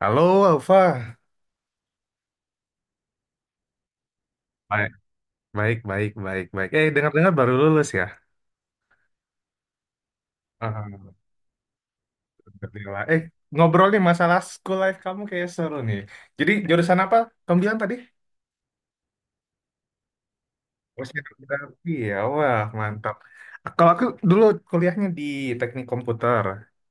Halo, Alfa. Baik, baik, baik, baik, baik. Dengar-dengar baru lulus ya? Ah, Alhamdulillah. Ngobrol nih masalah school life kamu kayak seru nih. Jadi, jurusan apa? Kamu bilang tadi? Oh, sinografi ya, wah mantap. Kalau aku dulu kuliahnya di teknik komputer,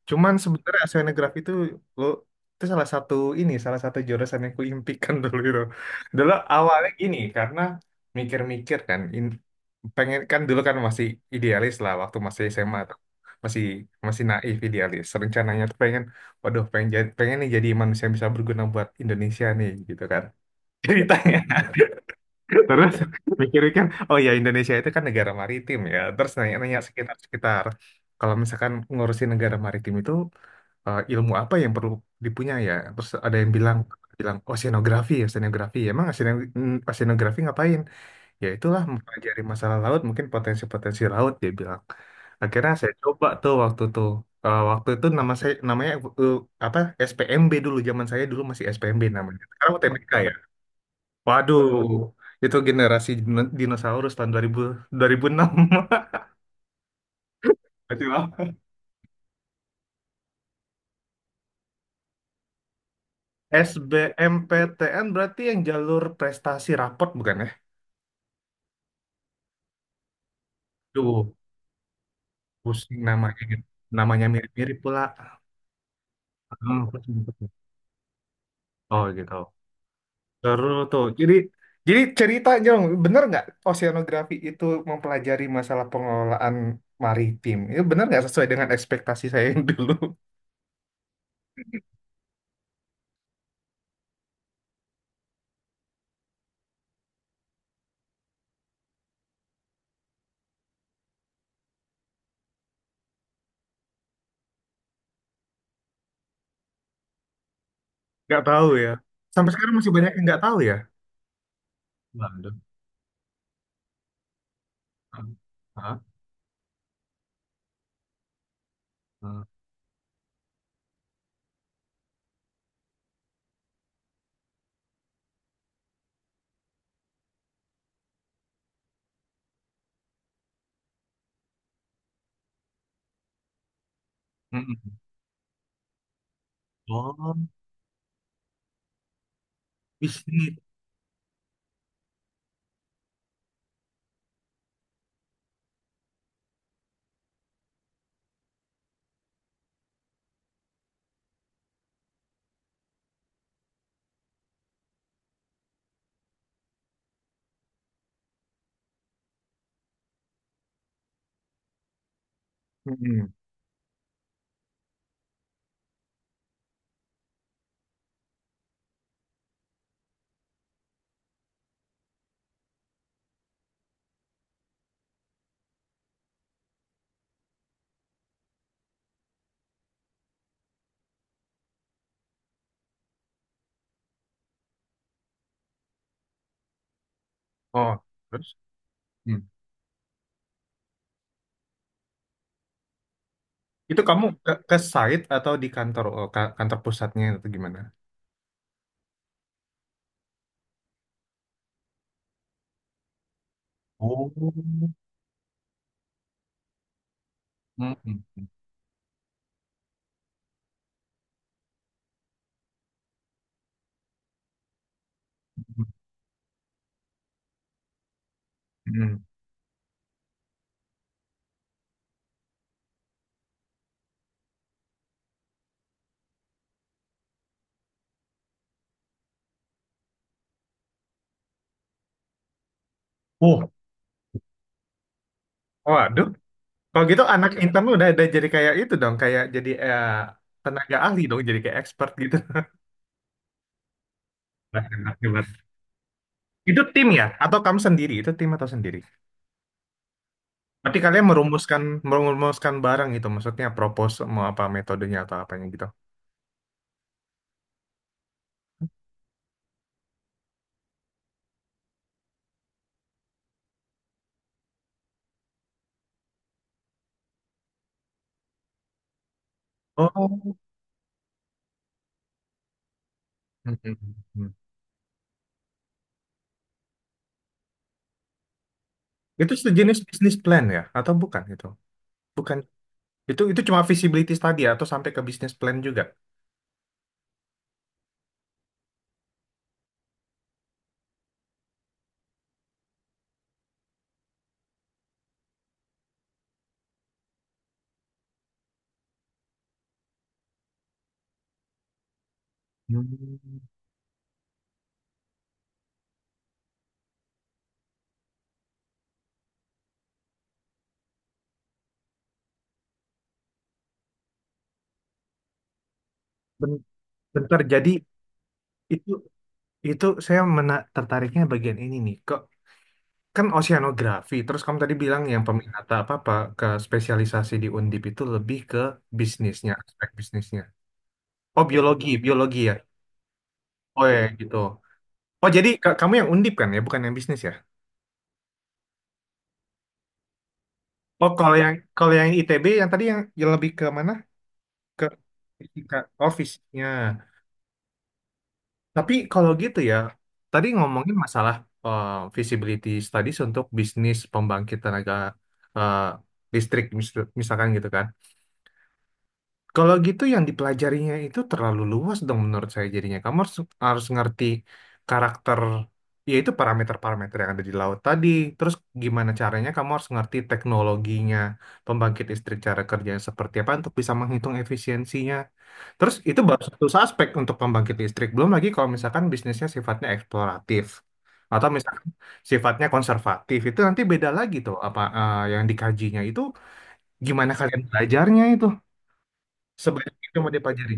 cuman sebenarnya oceanografi itu lo itu salah satu jurusan yang kuimpikan dulu itu. Dulu awalnya gini, karena mikir-mikir kan, pengen kan dulu kan masih idealis lah, waktu masih SMA tuh. Masih masih naif idealis. Rencananya tuh pengen nih jadi manusia yang bisa berguna buat Indonesia nih gitu kan. Ceritanya. Terus mikir-mikir, oh ya Indonesia itu kan negara maritim ya. Terus nanya-nanya sekitar-sekitar. Kalau misalkan ngurusin negara maritim itu ilmu apa yang perlu dipunya ya? Terus ada yang bilang bilang oceanografi, oceanografi. Emang oceanografi ngapain? Ya itulah mempelajari masalah laut, mungkin potensi-potensi laut dia bilang. Akhirnya saya coba tuh waktu tuh. Waktu itu nama saya namanya eh, apa SPMB dulu zaman saya dulu masih SPMB namanya. Sekarang UTBK ya. Waduh, itu generasi dinosaurus tahun 2000, 2006. Berarti lama. SBMPTN berarti yang jalur prestasi raport bukan ya? Duh, pusing namanya gitu. Namanya mirip-mirip pula. Hmm, pusing, pusing. Oh gitu. Seru tuh. Jadi cerita dong, bener nggak oceanografi itu mempelajari masalah pengelolaan maritim? Itu bener nggak sesuai dengan ekspektasi saya yang dulu? Nggak tahu ya. Sampai sekarang masih banyak yang nggak tahu ya. Waduh. Hah? Mm-mm. Oh, bisnis. Mm-mm. Oh, terus? Mm. Itu kamu ke site atau di kantor kantor pusatnya atau gimana? Oh. Mm-mm. Mm-mm. Oh, waduh, kalau gitu anak intern udah ada jadi kayak itu dong, kayak jadi tenaga ahli dong, jadi kayak expert gitu. Wah, enak banget. Itu tim ya? Atau kamu sendiri? Itu tim atau sendiri? Berarti kalian merumuskan merumuskan barang gitu, maksudnya propose mau apa metodenya atau apanya gitu. Oh. Mm-mm. Itu sejenis bisnis plan ya? Atau bukan itu? Bukan. Itu cuma visibility study atau sampai ke bisnis plan juga? Hmm. Ben- Bentar, jadi itu itu saya tertariknya bagian ini nih. Kok kan oceanografi, terus kamu tadi bilang yang peminat apa apa ke spesialisasi di Undip itu lebih ke bisnisnya, aspek bisnisnya. Oh, ya, biologi, biologi ya. Oh ya ya. Gitu. Oh, jadi kamu yang Undip kan ya, bukan yang bisnis ya? Oh, kalau yang ITB yang tadi yang lebih ke mana? Ke fisika, oh fisiknya. Tapi kalau gitu ya tadi ngomongin masalah eh, feasibility studies untuk bisnis pembangkit tenaga eh, listrik misalkan gitu kan. Kalau gitu yang dipelajarinya itu terlalu luas dong menurut saya, jadinya kamu harus ngerti karakter yaitu parameter-parameter yang ada di laut tadi. Terus gimana caranya kamu harus ngerti teknologinya pembangkit listrik cara kerjanya seperti apa untuk bisa menghitung efisiensinya. Terus itu baru satu aspek untuk pembangkit listrik. Belum lagi kalau misalkan bisnisnya sifatnya eksploratif atau misalkan sifatnya konservatif itu nanti beda lagi tuh apa yang dikajinya itu. Gimana kalian belajarnya itu sebanyak itu mau dipelajari.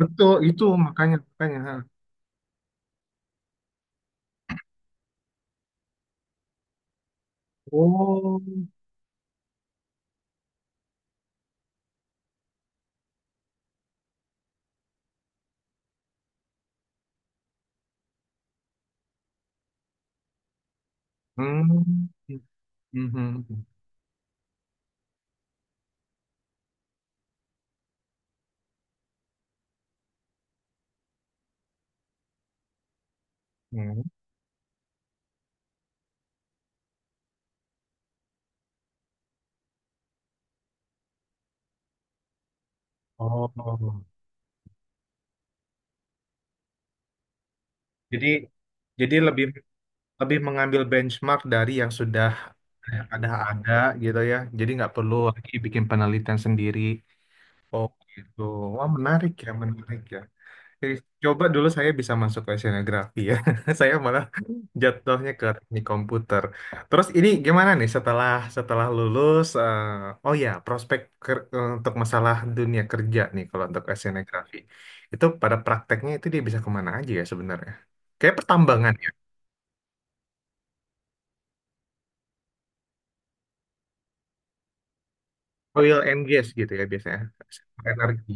Betul itu, makanya makanya. Ha. Oh. Hmm. Mhm. Hmm. Hmm. Oh. Jadi jadi lebih lebih mengambil benchmark dari yang sudah ada gitu ya. Jadi nggak perlu lagi bikin penelitian sendiri. Oh gitu. Wah menarik ya, menarik ya. Jadi, coba dulu saya bisa masuk ke oceanografi ya. Saya malah jatuhnya ke teknik komputer. Terus ini gimana nih setelah setelah lulus? Oh ya, prospek untuk masalah dunia kerja nih kalau untuk oceanografi. Itu pada prakteknya itu dia bisa kemana aja ya sebenarnya? Kayak pertambangan ya. Oil and gas gitu ya biasanya. Energi.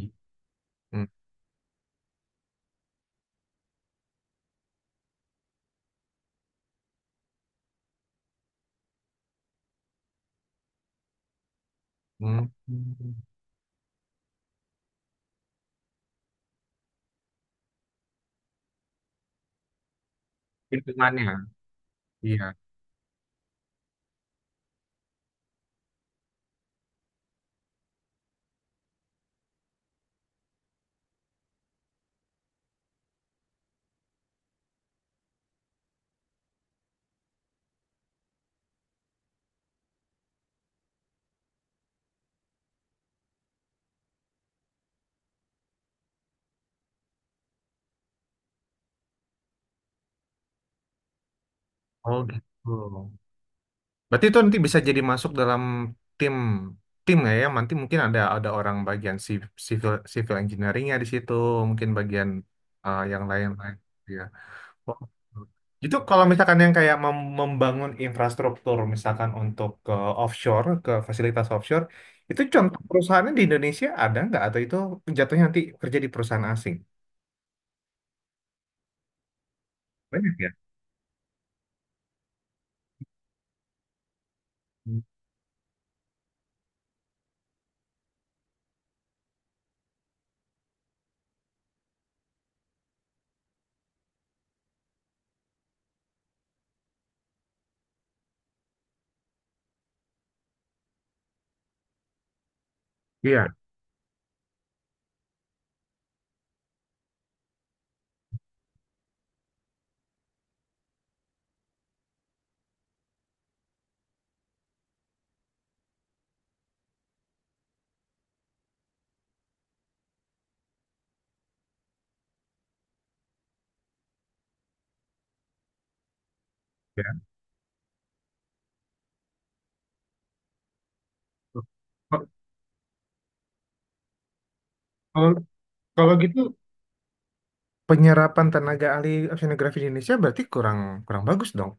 Hmm. Hmm. Lingkungannya. Iya. Oh gitu. Berarti itu nanti bisa jadi masuk dalam tim tim nggak ya? Nanti mungkin ada orang bagian civil civil engineeringnya di situ, mungkin bagian yang lain-lain. Ya. Oh. Itu kalau misalkan yang kayak membangun infrastruktur, misalkan untuk ke offshore, ke fasilitas offshore, itu contoh perusahaannya di Indonesia ada nggak? Atau itu jatuhnya nanti kerja di perusahaan asing? Banyak ya? Hmm. Iya. Ya. Kalau kalau gitu, penyerapan tenaga ahli oceanografi di Indonesia berarti kurang kurang bagus dong.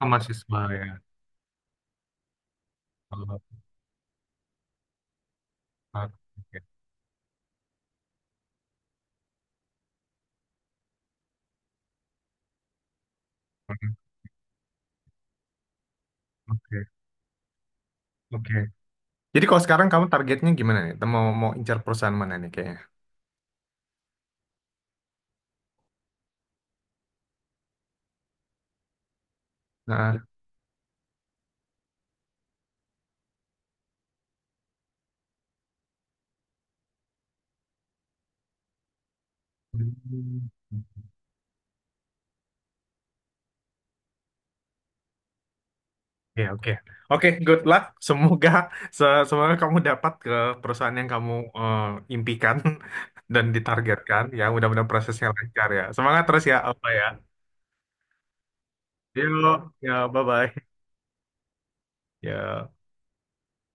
Oh, mahasiswa ya. Oh. Oke, oke. Hmm, oke. Oke. Jadi kalau sekarang kamu targetnya gimana nih? Mau mau incar perusahaan mana nih kayaknya? Nah. Oke, oke. Oke, good luck. Semoga semoga kamu dapat ke perusahaan yang kamu eh, impikan dan ditargetkan. Ya, mudah-mudahan prosesnya lancar ya. Semangat terus ya, apa ya. Yuk, ya, bye-bye. Ya